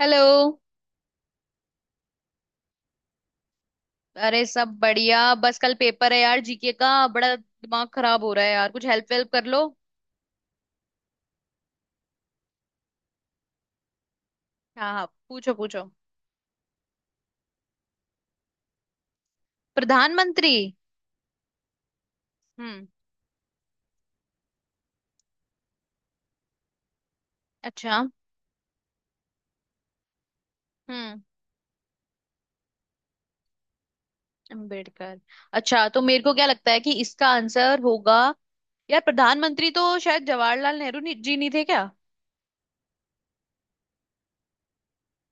Hello. अरे सब बढ़िया बस कल पेपर है यार, जीके का बड़ा दिमाग खराब हो रहा है यार, कुछ हेल्प वेल्प कर लो। हाँ हाँ, पूछो पूछो। प्रधानमंत्री। हम्म। अच्छा। हम्म। अम्बेडकर। अच्छा तो मेरे को क्या लगता है कि इसका आंसर होगा। यार प्रधानमंत्री तो शायद जवाहरलाल नेहरू जी नहीं थे क्या।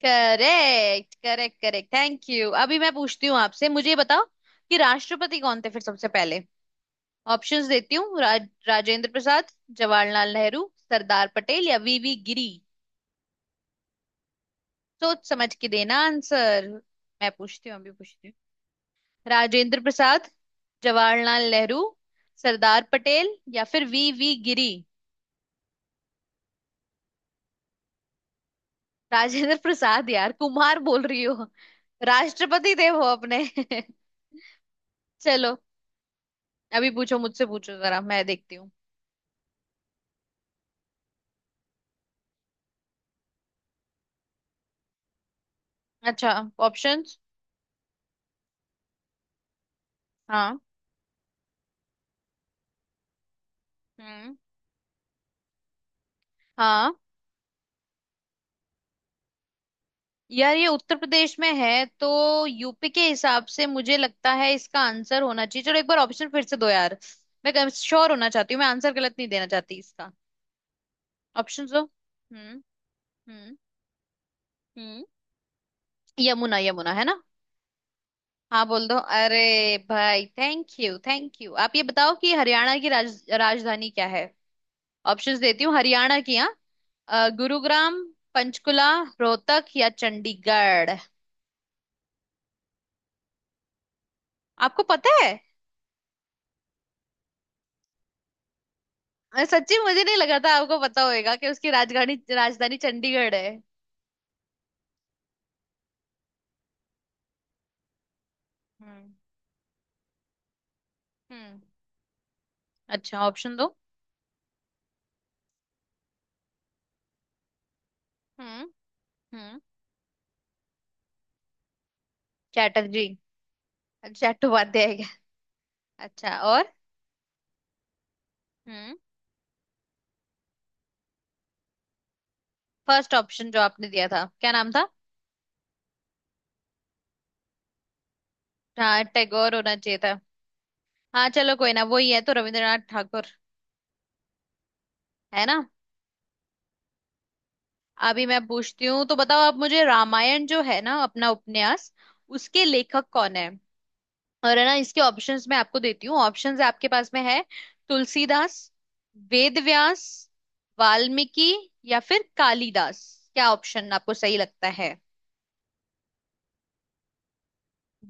Correct correct correct, thank you. अभी मैं पूछती हूँ आपसे, मुझे ये बताओ कि राष्ट्रपति कौन थे फिर सबसे पहले। ऑप्शंस देती हूँ, राजेंद्र प्रसाद, जवाहरलाल नेहरू, सरदार पटेल या वीवी गिरी। सोच समझ के देना आंसर। मैं पूछती हूँ, अभी पूछती हूँ। राजेंद्र प्रसाद, जवाहरलाल नेहरू, सरदार पटेल या फिर वीवी गिरी। राजेंद्र प्रसाद यार, कुमार बोल रही हो। राष्ट्रपति देव हो अपने। चलो, अभी पूछो, मुझसे पूछो जरा, मैं देखती हूँ। अच्छा। ऑप्शंस। हाँ। हम्म। हाँ। यार ये उत्तर प्रदेश में है तो यूपी के हिसाब से मुझे लगता है इसका आंसर होना चाहिए। चलो एक बार ऑप्शन फिर से दो यार। मैं श्योर होना चाहती हूँ, मैं आंसर गलत नहीं देना चाहती इसका। ऑप्शन दो। हम्म। हम्म। हम्म। यमुना, यमुना है ना। हाँ बोल दो, अरे भाई, थैंक यू थैंक यू। आप ये बताओ कि हरियाणा की राजधानी क्या है। ऑप्शंस देती हूँ हरियाणा की। हाँ। गुरुग्राम, पंचकुला, रोहतक या चंडीगढ़। आपको पता है। मैं सच्ची मुझे नहीं लगा था आपको पता होएगा कि उसकी राजधानी राजधानी चंडीगढ़ है। हम्म। हम्म। अच्छा, ऑप्शन दो। हम्म। हम्म। चैटर्जी। चट्टोपाध्याय है क्या। अच्छा, और। हम्म। फर्स्ट ऑप्शन जो आपने दिया था क्या नाम था। हाँ टैगोर होना चाहिए था। हाँ चलो कोई ना, वही है तो, रविंद्रनाथ ठाकुर। है ना। अभी मैं पूछती हूँ तो बताओ आप मुझे, रामायण जो है ना अपना उपन्यास, उसके लेखक कौन है। और है ना, इसके ऑप्शंस मैं आपको देती हूँ, ऑप्शंस आपके पास में है। तुलसीदास, वेद व्यास, वाल्मीकि या फिर कालिदास। क्या ऑप्शन आपको सही लगता है।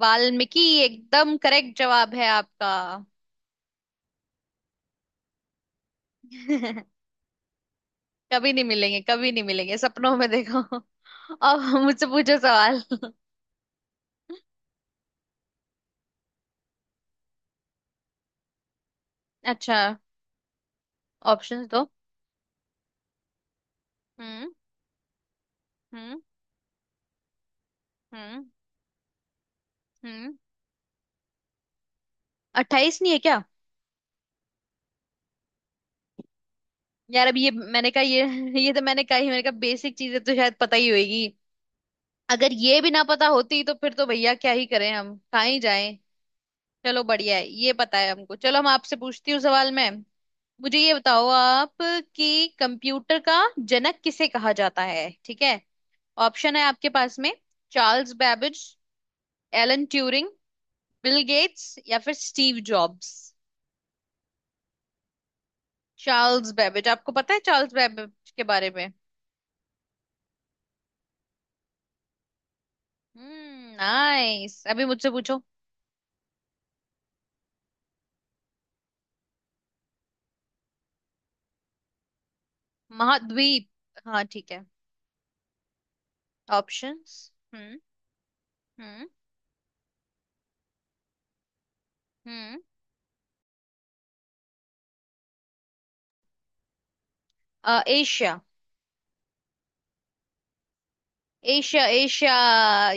वाल्मीकि एकदम करेक्ट जवाब है आपका। कभी नहीं मिलेंगे, कभी नहीं मिलेंगे, सपनों में देखो। अब मुझसे पूछो सवाल। अच्छा, ऑप्शंस दो। हम्म। हम्म। हम्म। हम्म। 28 नहीं है क्या। यार अब ये मैंने कहा, ये तो मैंने कहा ही, मैंने कहा बेसिक चीजें तो शायद पता ही होगी। अगर ये भी ना पता होती तो फिर तो भैया क्या ही करें, हम कहाँ ही जाएं। चलो बढ़िया है, ये पता है हमको। चलो हम आपसे पूछती हूँ सवाल मैं, मुझे ये बताओ आप कि कंप्यूटर का जनक किसे कहा जाता है, ठीक है। ऑप्शन है आपके पास में, Charles Babbage, Alan Turing, Bill Gates या फिर स्टीव जॉब्स। Charles Babbage. आपको पता है चार्ल्स बैबेज के बारे में। हम्म, नाइस। अभी मुझसे पूछो। महाद्वीप। हाँ ठीक है। ऑप्शंस। हम्म। हम्म। हम्म। Asia, Asia Asia.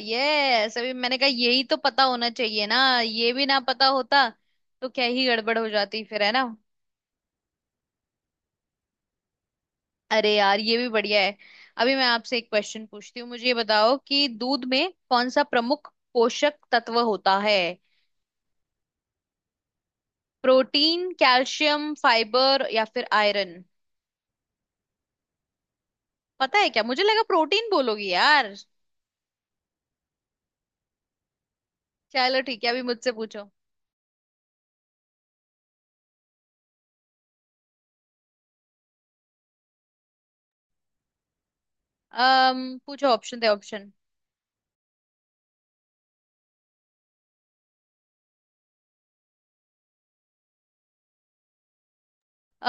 यस, अभी मैंने कहा यही तो पता होना चाहिए ना। ये भी ना पता होता तो क्या ही गड़बड़ हो जाती फिर, है ना। अरे यार ये भी बढ़िया है। अभी मैं आपसे एक क्वेश्चन पूछती हूँ, मुझे ये बताओ कि दूध में कौन सा प्रमुख पोषक तत्व होता है। प्रोटीन, कैल्शियम, फाइबर या फिर आयरन। पता है क्या, मुझे लगा प्रोटीन बोलोगी यार। चलो ठीक है, अभी मुझसे पूछो। अम पूछो ऑप्शन, दे ऑप्शन।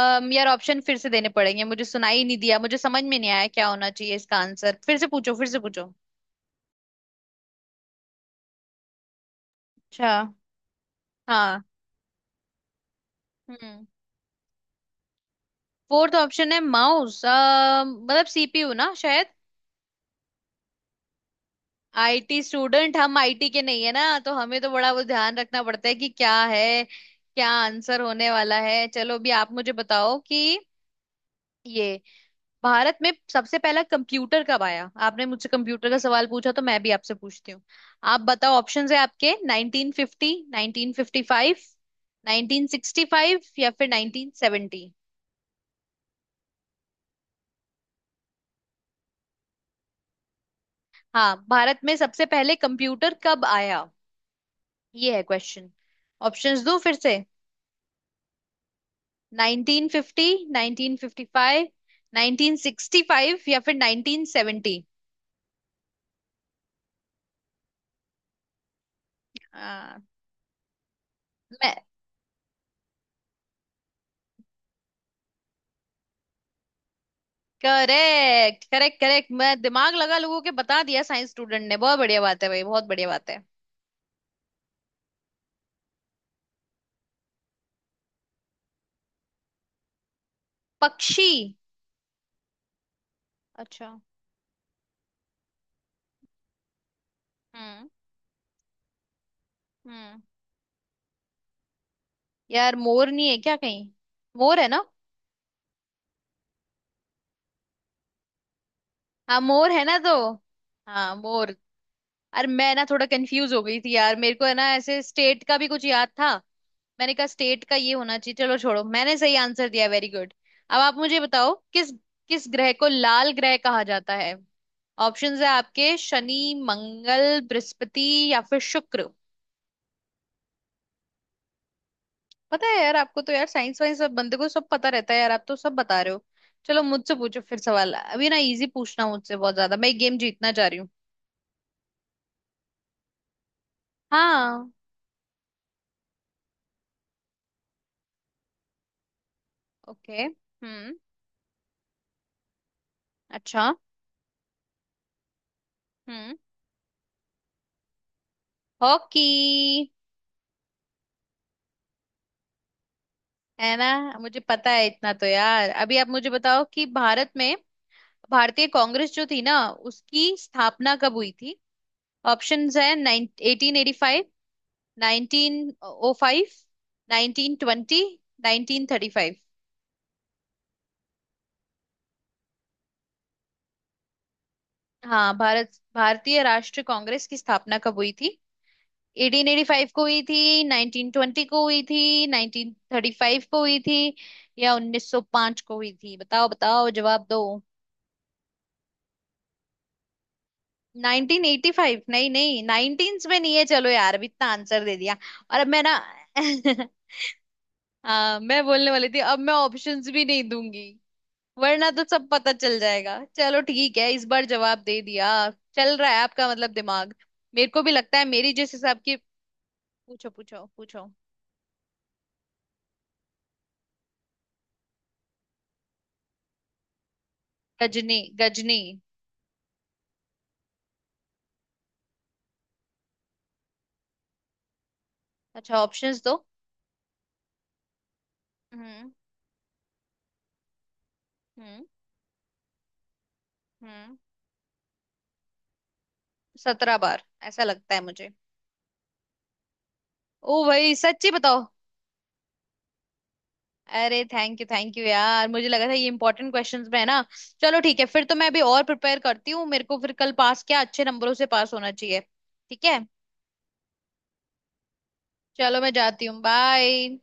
अम यार ऑप्शन फिर से देने पड़ेंगे, मुझे सुनाई नहीं दिया, मुझे समझ में नहीं आया क्या होना चाहिए इसका आंसर, फिर से पूछो फिर से पूछो। अच्छा। हाँ। हम्म। फोर्थ ऑप्शन है माउस, मतलब सीपीयू ना शायद। आईटी स्टूडेंट, हम आईटी के नहीं है ना तो हमें तो बड़ा वो ध्यान रखना पड़ता है कि क्या है, क्या आंसर होने वाला है। चलो अभी आप मुझे बताओ कि ये भारत में सबसे पहला कंप्यूटर कब आया, आपने मुझसे कंप्यूटर का सवाल पूछा तो मैं भी आपसे पूछती हूँ। आप बताओ, ऑप्शंस है आपके, 1950, 1955, 1965 या फिर 1970। हाँ भारत में सबसे पहले कंप्यूटर कब आया, ये है क्वेश्चन। ऑप्शंस दो फिर से, 1950, 1955, 1965 या फिर 1970। आ, मैं, करेक्ट करेक्ट करेक्ट, मैं दिमाग लगा, लोगों के बता दिया साइंस स्टूडेंट ने, बहुत बढ़िया बात है भाई, बहुत बढ़िया बात है। पक्षी। अच्छा। हम्म। हम्म। यार मोर नहीं है क्या कहीं, मोर है ना। हाँ मोर है ना तो। हाँ मोर। अरे मैं ना थोड़ा कंफ्यूज हो गई थी यार, मेरे को है ना ऐसे स्टेट का भी कुछ याद था। मैंने कहा स्टेट का ये होना चाहिए, चलो छोड़ो, मैंने सही आंसर दिया, वेरी गुड। अब आप मुझे बताओ किस किस ग्रह को लाल ग्रह कहा जाता है। ऑप्शंस है आपके, शनि, मंगल, बृहस्पति या फिर शुक्र। पता है यार आपको तो, यार साइंस वाइंस सब बंदे को सब पता रहता है यार, आप तो सब बता रहे हो। चलो मुझसे पूछो फिर सवाल, अभी ना इजी पूछना मुझसे बहुत ज्यादा, मैं गेम जीतना चाह रही हूँ। हाँ। ओके, हम्म। अच्छा। हम्म। हॉकी। है ना, मुझे पता है इतना तो यार। अभी आप मुझे बताओ कि भारत में, भारतीय कांग्रेस जो थी ना, उसकी स्थापना कब हुई थी। ऑप्शंस है, 1885, 1905, 1920, 1935। हाँ भारत, भारतीय राष्ट्रीय कांग्रेस की स्थापना कब हुई थी, 1885 को हुई थी, 1920 को हुई थी, 1935 को हुई थी, या 1905 को हुई थी, बताओ बताओ जवाब दो। 1985 नहीं नहीं, 19s में नहीं है। चलो यार अब इतना आंसर दे दिया, और अब मैं ना हाँ मैं बोलने वाली थी, अब मैं ऑप्शंस भी नहीं दूंगी, वरना तो सब पता चल जाएगा। चलो ठीक है, इस बार जवाब दे दिया। चल रहा है आपका मतलब दिमाग, मेरे को भी लगता है मेरी जिस हिसाब की। पूछो पूछो पूछो। गजनी गजनी। अच्छा, ऑप्शंस दो। हम्म। हम्म। हम्म। 17 बार, ऐसा लगता है मुझे। ओ भाई सच्ची बताओ। अरे थैंक यू यार, मुझे लगा था ये इंपॉर्टेंट क्वेश्चंस में है ना। चलो ठीक है, फिर तो मैं अभी और प्रिपेयर करती हूँ, मेरे को फिर कल पास क्या अच्छे नंबरों से पास होना चाहिए, ठीक है। चलो मैं जाती हूँ, बाय।